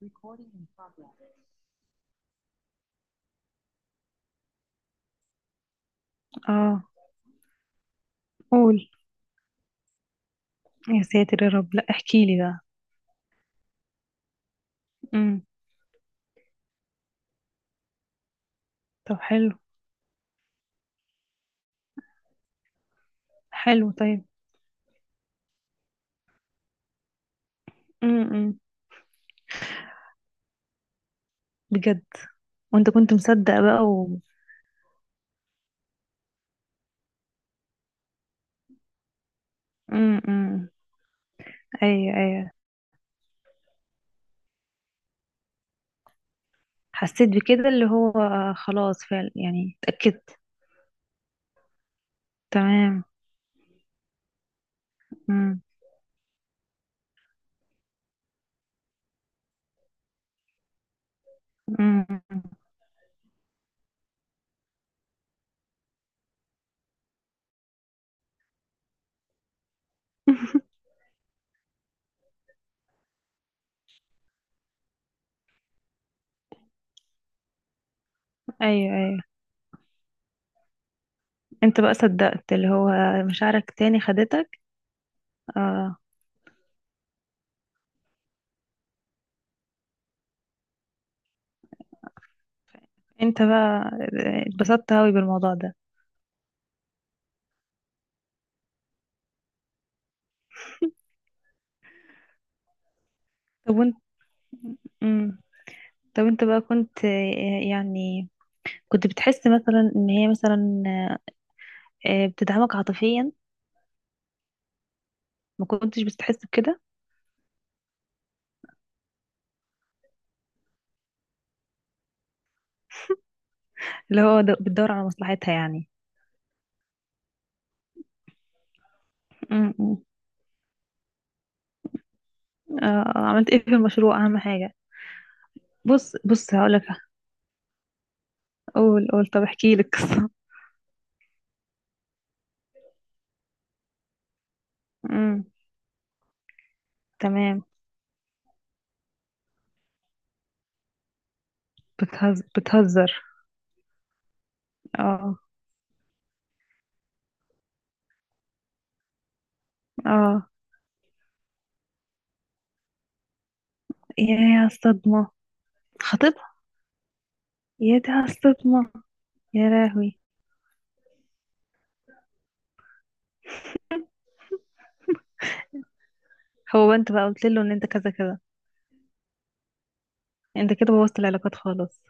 Recording in progress. اه. قول. يا ساتر يا رب، لا احكي لي بقى. امم. طب، حلو. حلو، طيب. امم. بجد؟ وانت كنت مصدق بقى و. امم. ايوه، ايوه. حسيت بكده، اللي هو خلاص، فعلا يعني اتأكدت. تمام. امم. امم. ايوه، ايوه. انت بقى صدقت، اللي هو مشاعرك تاني خدتك. اه. انت بقى اتبسطت اوي بالموضوع ده. طب وانت. امم. طب انت بقى كنت يعني. كنت بتحس مثلا ان هي مثلا بتدعمك عاطفيا. ما كنتش بتحس بكده؟ اللي هو بتدور على مصلحتها يعني. م- م. عملت ايه في المشروع، اهم حاجة. بص هقولك. قول، قول، طب احكي لك قصة. م، تمام. بتهزر، بتهزر. اه، اه. يا الصدمة. خطيبها؟ يا ده، على الصدمة. يا لهوي. هو بقى، انت بقى قلت له ان انت كذا كذا. انت كده بوظت العلاقات خالص.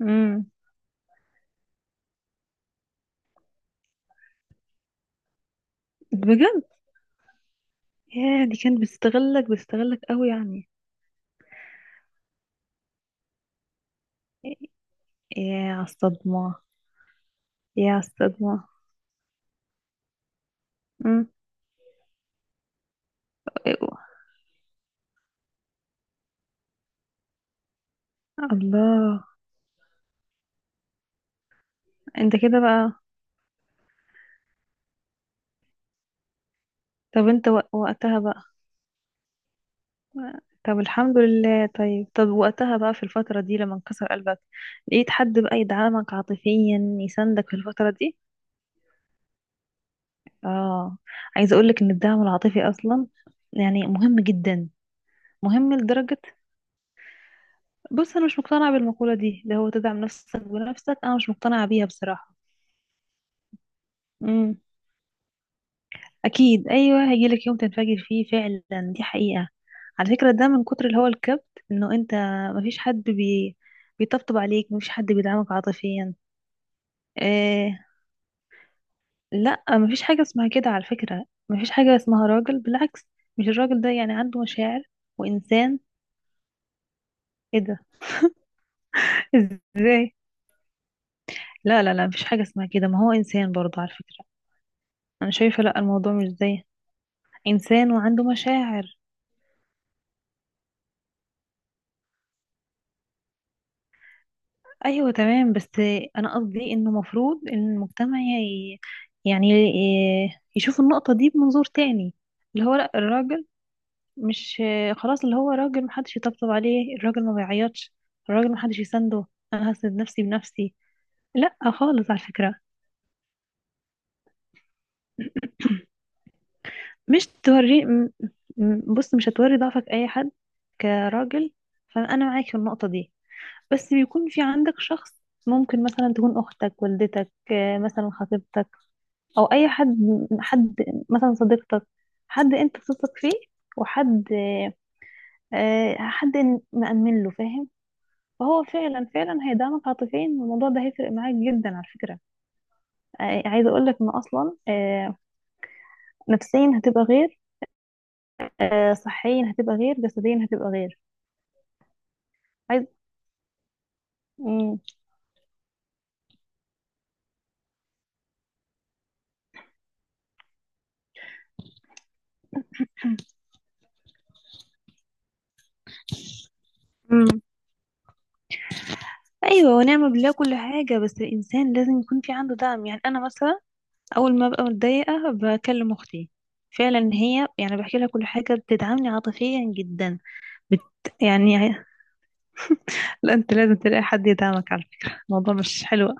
امم. بجد؟ يا دي، كانت بتستغلك بتستغلك قوي يعني. ايه يا الصدمة. يا الصدمة. مم. الله. انت كده بقى. طب انت وقتها بقى. طب، الحمد لله، طيب طب وقتها بقى في الفترة دي لما انكسر قلبك. لقيت حد بقى يدعمك عاطفيا، يساندك في الفترة دي؟ اه. عايزة اقولك ان الدعم العاطفي اصلا، يعني مهم جدا. مهم لدرجة، بص انا مش مقتنعة بالمقولة دي اللي هو تدعم نفسك بنفسك، انا مش مقتنعة بيها بصراحة. اكيد، ايوه، هيجيلك يوم تنفجر فيه فعلا، دي حقيقة. على فكرة ده من كتر اللي هو الكبت، انه انت مفيش حد بيطبطب عليك، مفيش حد بيدعمك عاطفيا. إيه... لا، مفيش حاجة اسمها كده على فكرة، مفيش حاجة اسمها راجل، بالعكس. مش الراجل ده يعني عنده مشاعر؟ وانسان. ايه ده؟ ازاي؟ لا، لا، لا، مفيش حاجة اسمها كده، ما هو انسان برضه على فكرة. انا شايفة لا، الموضوع مش زي. انسان وعنده مشاعر. ايوه، تمام، بس انا قصدي انه المفروض ان المجتمع يعني يشوف النقطة دي بمنظور تاني. اللي هو لا، الراجل مش، خلاص اللي هو راجل محدش يطبطب عليه، الراجل ما بيعيطش. الراجل محدش يسنده. انا هسند نفسي بنفسي. لا خالص على فكرة. مش توري بص، مش هتوري ضعفك اي حد. كراجل. فانا معاك في النقطة دي. بس بيكون في عندك شخص، ممكن مثلا تكون اختك، والدتك، مثلا خطيبتك. او اي حد. حد. مثلا صديقتك. حد انت بتثق فيه. وحد، حد مأمن له، فاهم؟ فهو فعلا فعلا هيدعمك عاطفيا، والموضوع ده هيفرق معاك جدا على فكرة. عايزة اقول لك ان اصلا، نفسيا هتبقى غير، صحيا هتبقى غير، جسديا هتبقى غير. عايز. مم. امم. ايوه، ونعم بالله كل حاجة، بس الانسان لازم يكون في عنده دعم، يعني انا مثلا اول ما ببقى متضايقه بكلم اختي، فعلا هي يعني بحكي لها كل حاجه بتدعمني عاطفيا جدا. بت... يعني. لا، انت لازم تلاقي حد يدعمك على فكره، الموضوع مش حلو.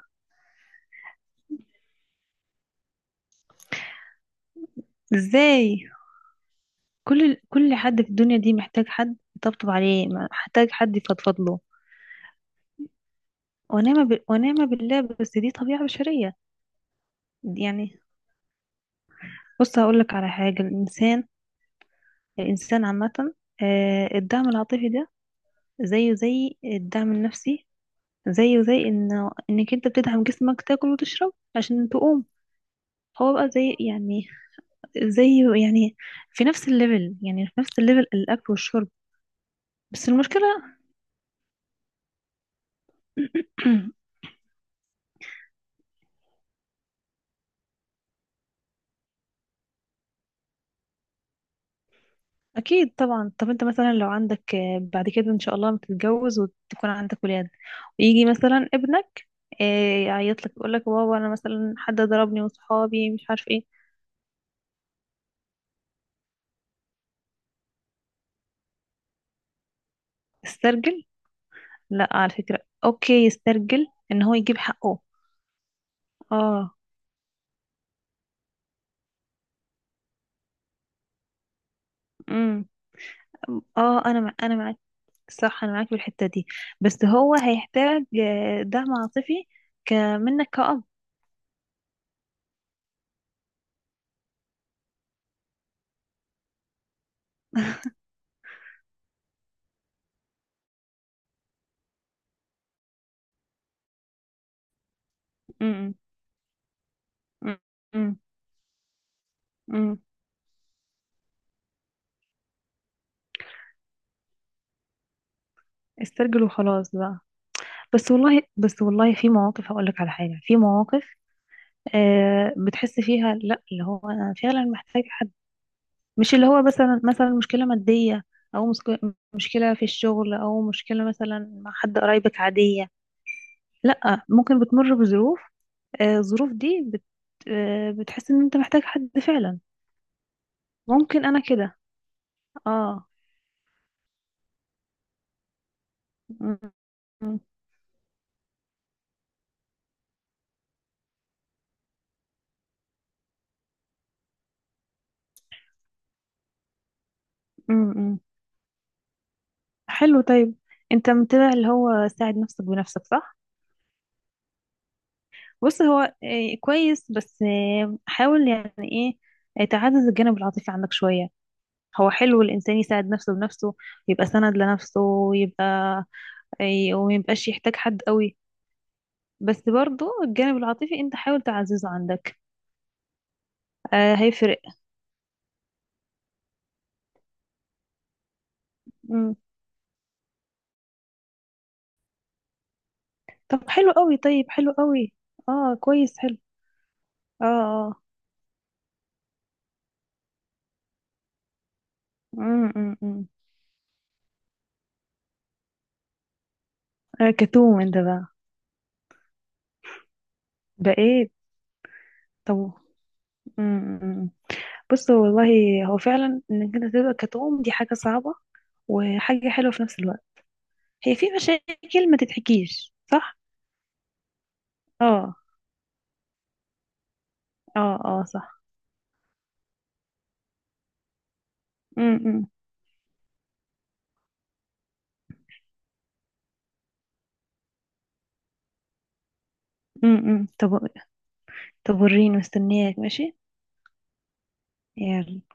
ازاي؟ كل حد في الدنيا دي محتاج حد يطبطب عليه، محتاج حد يفضفض له. ونعمه بالله، بس دي طبيعه بشريه يعني. بص هقول لك على حاجه، الانسان، الانسان عامه، الدعم العاطفي ده زيه زي الدعم النفسي، زيه زي انك انت بتدعم جسمك، تاكل وتشرب عشان تقوم. هو بقى زي يعني، زي يعني في نفس الليفل، يعني في نفس الليفل الاكل والشرب. بس المشكله، اكيد طبعا. طب انت مثلا لو عندك، بعد كده ان شاء الله لما تتجوز وتكون عندك ولاد، ويجي مثلا ابنك آه، يعيط لك، يقول لك بابا انا مثلا حد ضربني وصحابي مش عارف ايه. استرجل. لا على فكره، اوكي يسترجل، ان هو يجيب حقه. اه. امم. اه، انا معاك. صح، انا معاك في الحته دي. بس هو هيحتاج دعم عاطفي منك كأب. امم، امم، امم. استرجل وخلاص بقى. بس والله، بس والله في مواقف هقول لك على حاجه، في مواقف بتحس فيها لا، اللي هو انا فعلا محتاج حد. مش اللي هو مثلا مشكله ماديه او مشكله في الشغل، او مشكله مثلا مع حد قرايبك عاديه. لا، ممكن بتمر بظروف، الظروف دي بتحس ان انت محتاج حد فعلا. ممكن انا كده. اه. مم. مم. مم. حلو، طيب. انت متابع اللي هو ساعد نفسك بنفسك، صح؟ بص هو كويس، بس حاول يعني ايه، تعزز الجانب العاطفي عندك شوية. هو حلو الانسان يساعد نفسه بنفسه، يبقى سند لنفسه، ويبقى وميبقاش يحتاج حد قوي. بس برضو الجانب العاطفي انت حاول تعززه عندك، هيفرق. مم. طب حلو قوي، طيب حلو قوي. اه، كويس، حلو. اه، اه. مم، مم، مم. كتوم انت بقى. ده ايه؟ طب. امم. بص والله، هو فعلا انك انت تبقى كتوم دي حاجة صعبة، وحاجة حلوة في نفس الوقت. هي في مشاكل ما تتحكيش، صح؟ اه. اه، اه، صح. امم، امم، امم. طب، طب وريني، مستنياك. ماشي. يلا.